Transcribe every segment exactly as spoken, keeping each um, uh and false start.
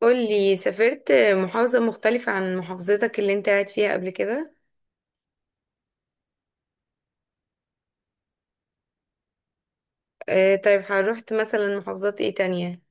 قولي، سافرت محافظة مختلفة عن محافظتك اللي انت قاعد فيها قبل كده؟ آه طيب، روحت مثلا محافظات ايه تانية؟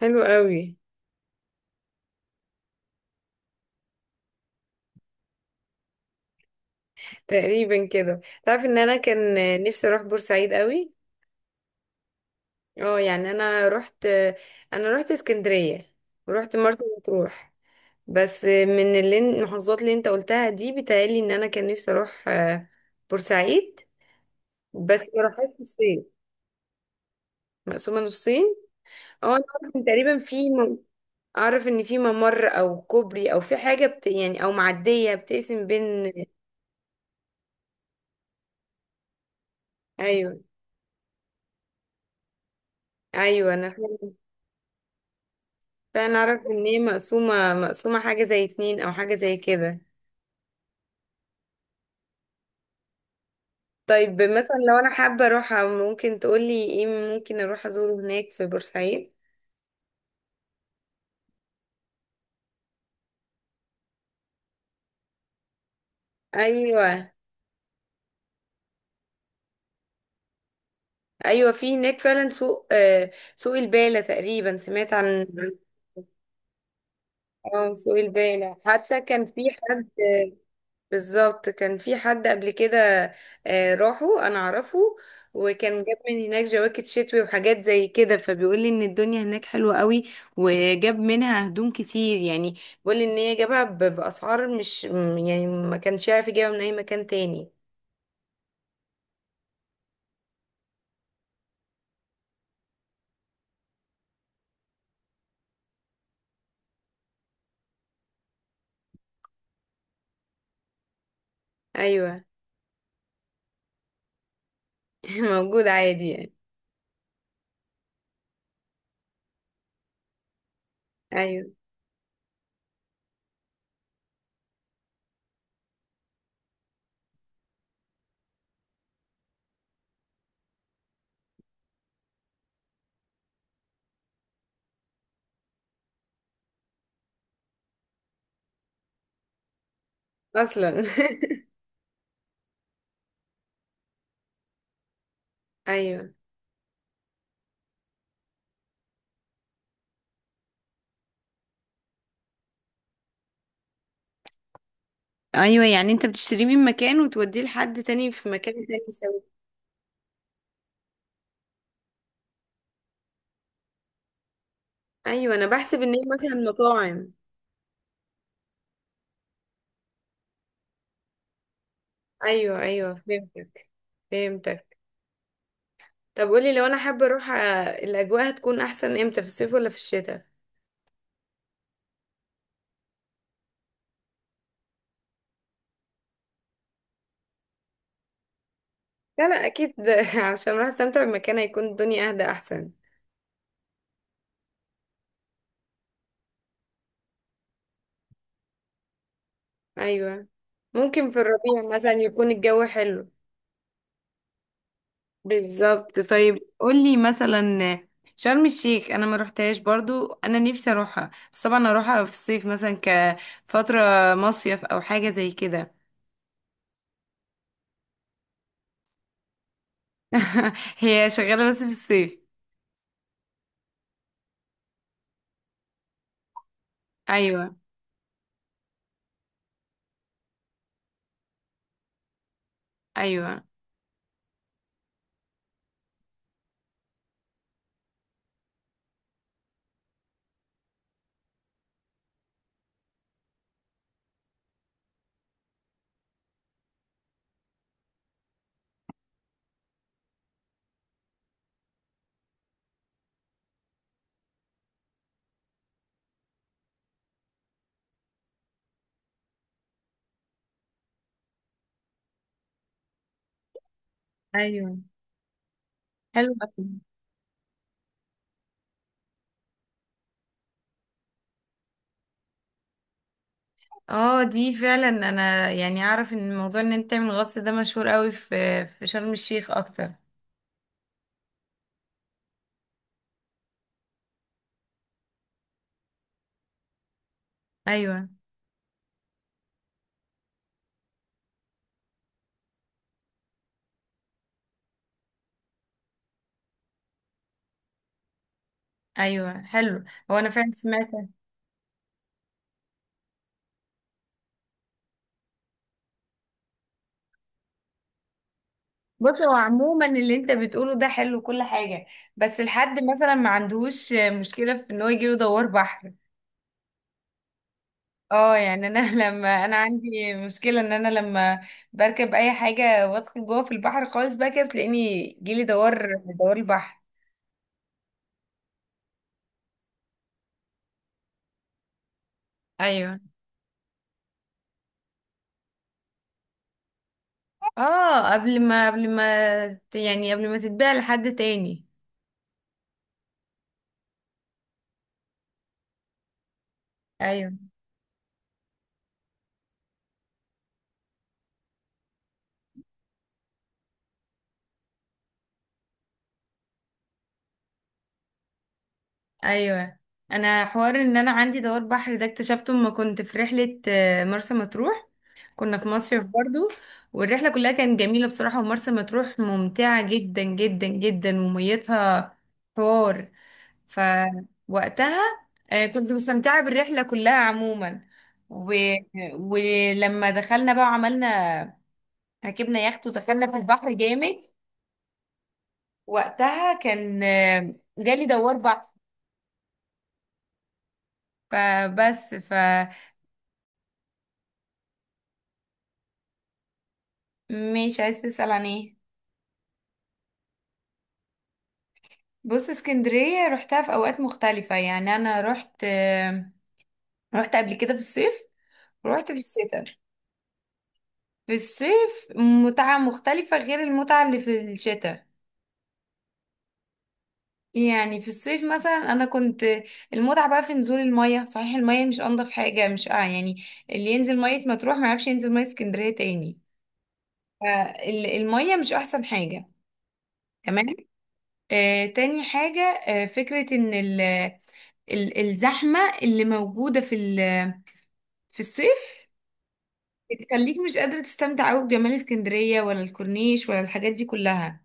حلو قوي. تقريبا كده. تعرف ان انا كان نفسي اروح بورسعيد قوي. اه يعني، انا رحت انا رحت اسكندرية ورحت مرسى مطروح. بس من اللي المحافظات اللي انت قلتها دي، بيتهيألي ان انا كان نفسي اروح آه، بورسعيد. بس ما رحتش الصين. مقسومة نصين؟ اه انا أعرف إن تقريبا في، اعرف ان في ممر او كوبري او في حاجه بت... يعني او معديه بتقسم بين. ايوه، ايوه انا فعلا. فعلا اعرف ان هي مقسومه مقسومه حاجه زي اتنين او حاجه زي كده. طيب مثلا لو انا حابه اروح، ممكن تقولي ايه ممكن اروح ازوره هناك في بورسعيد؟ ايوه. ايوه في هناك فعلا سوق، آه سوق البالة، تقريبا سمعت عن. اه سوق البالة، حتى كان في حد. بالظبط، كان في حد قبل كده آه، راحوا، انا اعرفه. وكان جاب من هناك جواكت شتوي وحاجات زي كده، فبيقول لي ان الدنيا هناك حلوة قوي. وجاب منها هدوم كتير يعني. بيقول لي ان هي جابها ب- باسعار مش م- يعني ما كانش يعرف يجيبها من اي مكان تاني. ايوه. موجود عادي يعني. ايوه. اصلا. ايوه ايوه، يعني انت بتشتريه من مكان وتوديه لحد تاني في مكان تاني يسويه؟ ايوه انا بحسب ان هي مثلا مطاعم. ايوه ايوه فهمتك، فهمتك. طب قولي، لو انا حابه اروح آه، الاجواء هتكون احسن امتى، في الصيف ولا في الشتاء؟ لا لا اكيد. عشان اروح استمتع بمكان، هيكون الدنيا اهدى احسن. ايوه، ممكن في الربيع مثلا يكون الجو حلو. بالظبط. طيب قولي مثلا، شرم الشيخ انا ما روحتهاش برضو. انا نفسي اروحها، بس طبعا اروحها في الصيف مثلا كفتره مصيف او حاجه زي كده. هي شغاله بس في الصيف؟ ايوه ايوه ايوه، حلو أوي. اه دي فعلا، انا يعني اعرف ان موضوع ان انت تعمل غطس ده مشهور قوي في في شرم الشيخ اكتر. ايوه ايوه حلو. هو انا فعلا سمعت. بص، هو عموما اللي انت بتقوله ده حلو كل حاجه، بس الحد مثلا ما عندهوش مشكله في ان هو يجيله دوار بحر. اه يعني انا، لما انا عندي مشكله ان انا لما بركب اي حاجه وادخل جوه في البحر خالص بقى كده، بتلاقيني جيلي دوار، دوار البحر. ايوه. اه قبل ما قبل ما ت- يعني قبل ما تتباع لحد تاني. ايوه ايوه. انا حوار ان انا عندي دوار بحر ده، اكتشفته لما كنت في رحله آه، مرسى مطروح. كنا في مصيف برضو، والرحله كلها كانت جميله بصراحه. ومرسى مطروح ممتعه جدا جدا جدا وميتها حوار. فوقتها آه، كنت مستمتعه بالرحله كلها عموما. و... ولما دخلنا بقى وعملنا، ركبنا يخت ودخلنا في البحر جامد. وقتها كان آه، جالي دوار بحر. فبس فمش عايز تسأل عن ايه؟ بص، اسكندرية رحتها في اوقات مختلفة. يعني انا رحت آه، رحت قبل كده في الصيف، ورحت في الشتاء. في الصيف متعة مختلفة غير المتعة اللي في الشتاء. يعني في الصيف مثلا انا كنت، المتعة بقى في نزول المية. صحيح المية مش انضف حاجة، مش اه يعني اللي ينزل مية مطروح ما يعرفش ينزل مية اسكندرية تاني. فالمية مش احسن حاجة، تمام. آه، تاني حاجة آه، فكرة ان ال ال الزحمة اللي موجودة في ال- في الصيف، بتخليك مش قادرة تستمتع قوي بجمال اسكندرية ولا الكورنيش ولا الحاجات دي كلها.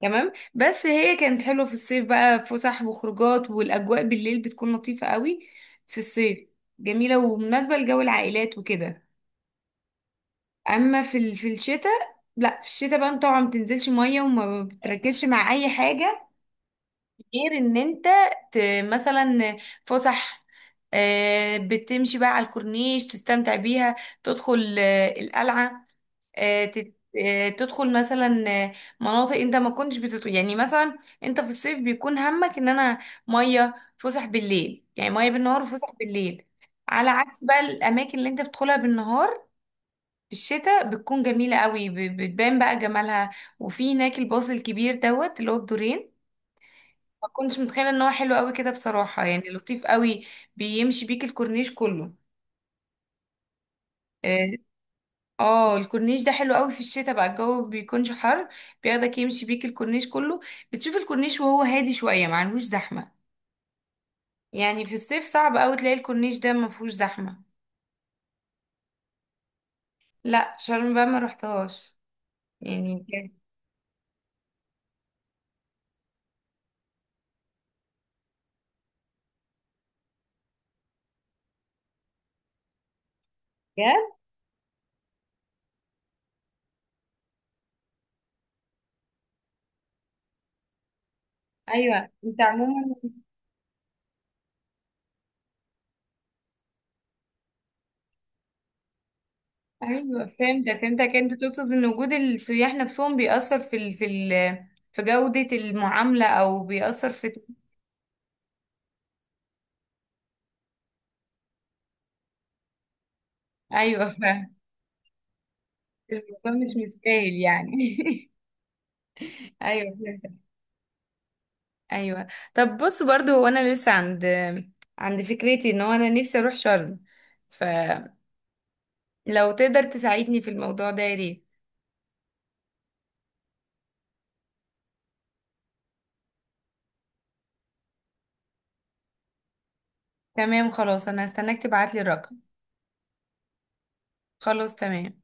تمام. بس هي كانت حلوة في الصيف بقى، فسح وخروجات، والأجواء بالليل بتكون لطيفة قوي في الصيف، جميلة ومناسبة لجو العائلات وكده. أما في ال- في الشتاء، لا في الشتاء بقى انت طبعا ما بتنزلش مية وما بتركزش مع أي حاجة، غير ان انت ت... مثلا فسح، آه، بتمشي بقى على الكورنيش تستمتع بيها، تدخل آه، القلعة، آه، تت- آه، تدخل مثلا آه، مناطق انت ما كنتش بتدخل. يعني مثلا انت في الصيف بيكون همك ان انا، مية فسح بالليل، يعني مية بالنهار وفسح بالليل. على عكس بقى الاماكن اللي انت بتدخلها بالنهار في الشتاء بتكون جميلة قوي، ب- بتبان بقى جمالها. وفي هناك الباص الكبير دوت اللي هو بدورين، ما كنتش متخيله ان هو حلو قوي كده بصراحه، يعني لطيف قوي. بيمشي بيك الكورنيش كله. اه آه، الكورنيش ده حلو قوي في الشتاء بقى، الجو بيكونش حر. بياخدك يمشي بيك الكورنيش كله، بتشوف الكورنيش وهو هادي شويه ما عندهوش زحمه. يعني في الصيف صعب قوي تلاقي الكورنيش ده ما فيهوش زحمه. لا، شرم بقى ما رحتهاش يعني، بجد. بجد؟ ايوه انت عموما، ايوه فهمتك فهمتك. انت تقصد ان وجود السياح نفسهم بيأثر في ال... في ال... في جودة المعاملة، او بيأثر في. ايوه فاهم. الموضوع مش مستاهل يعني. ايوه فاهم. ايوه طب بص، برضو هو انا لسه عند عند فكرتي ان هو انا نفسي اروح شرم، فلو تقدر تساعدني في الموضوع ده يا ريت. تمام خلاص، انا هستناك تبعتلي الرقم. خلاص تمام.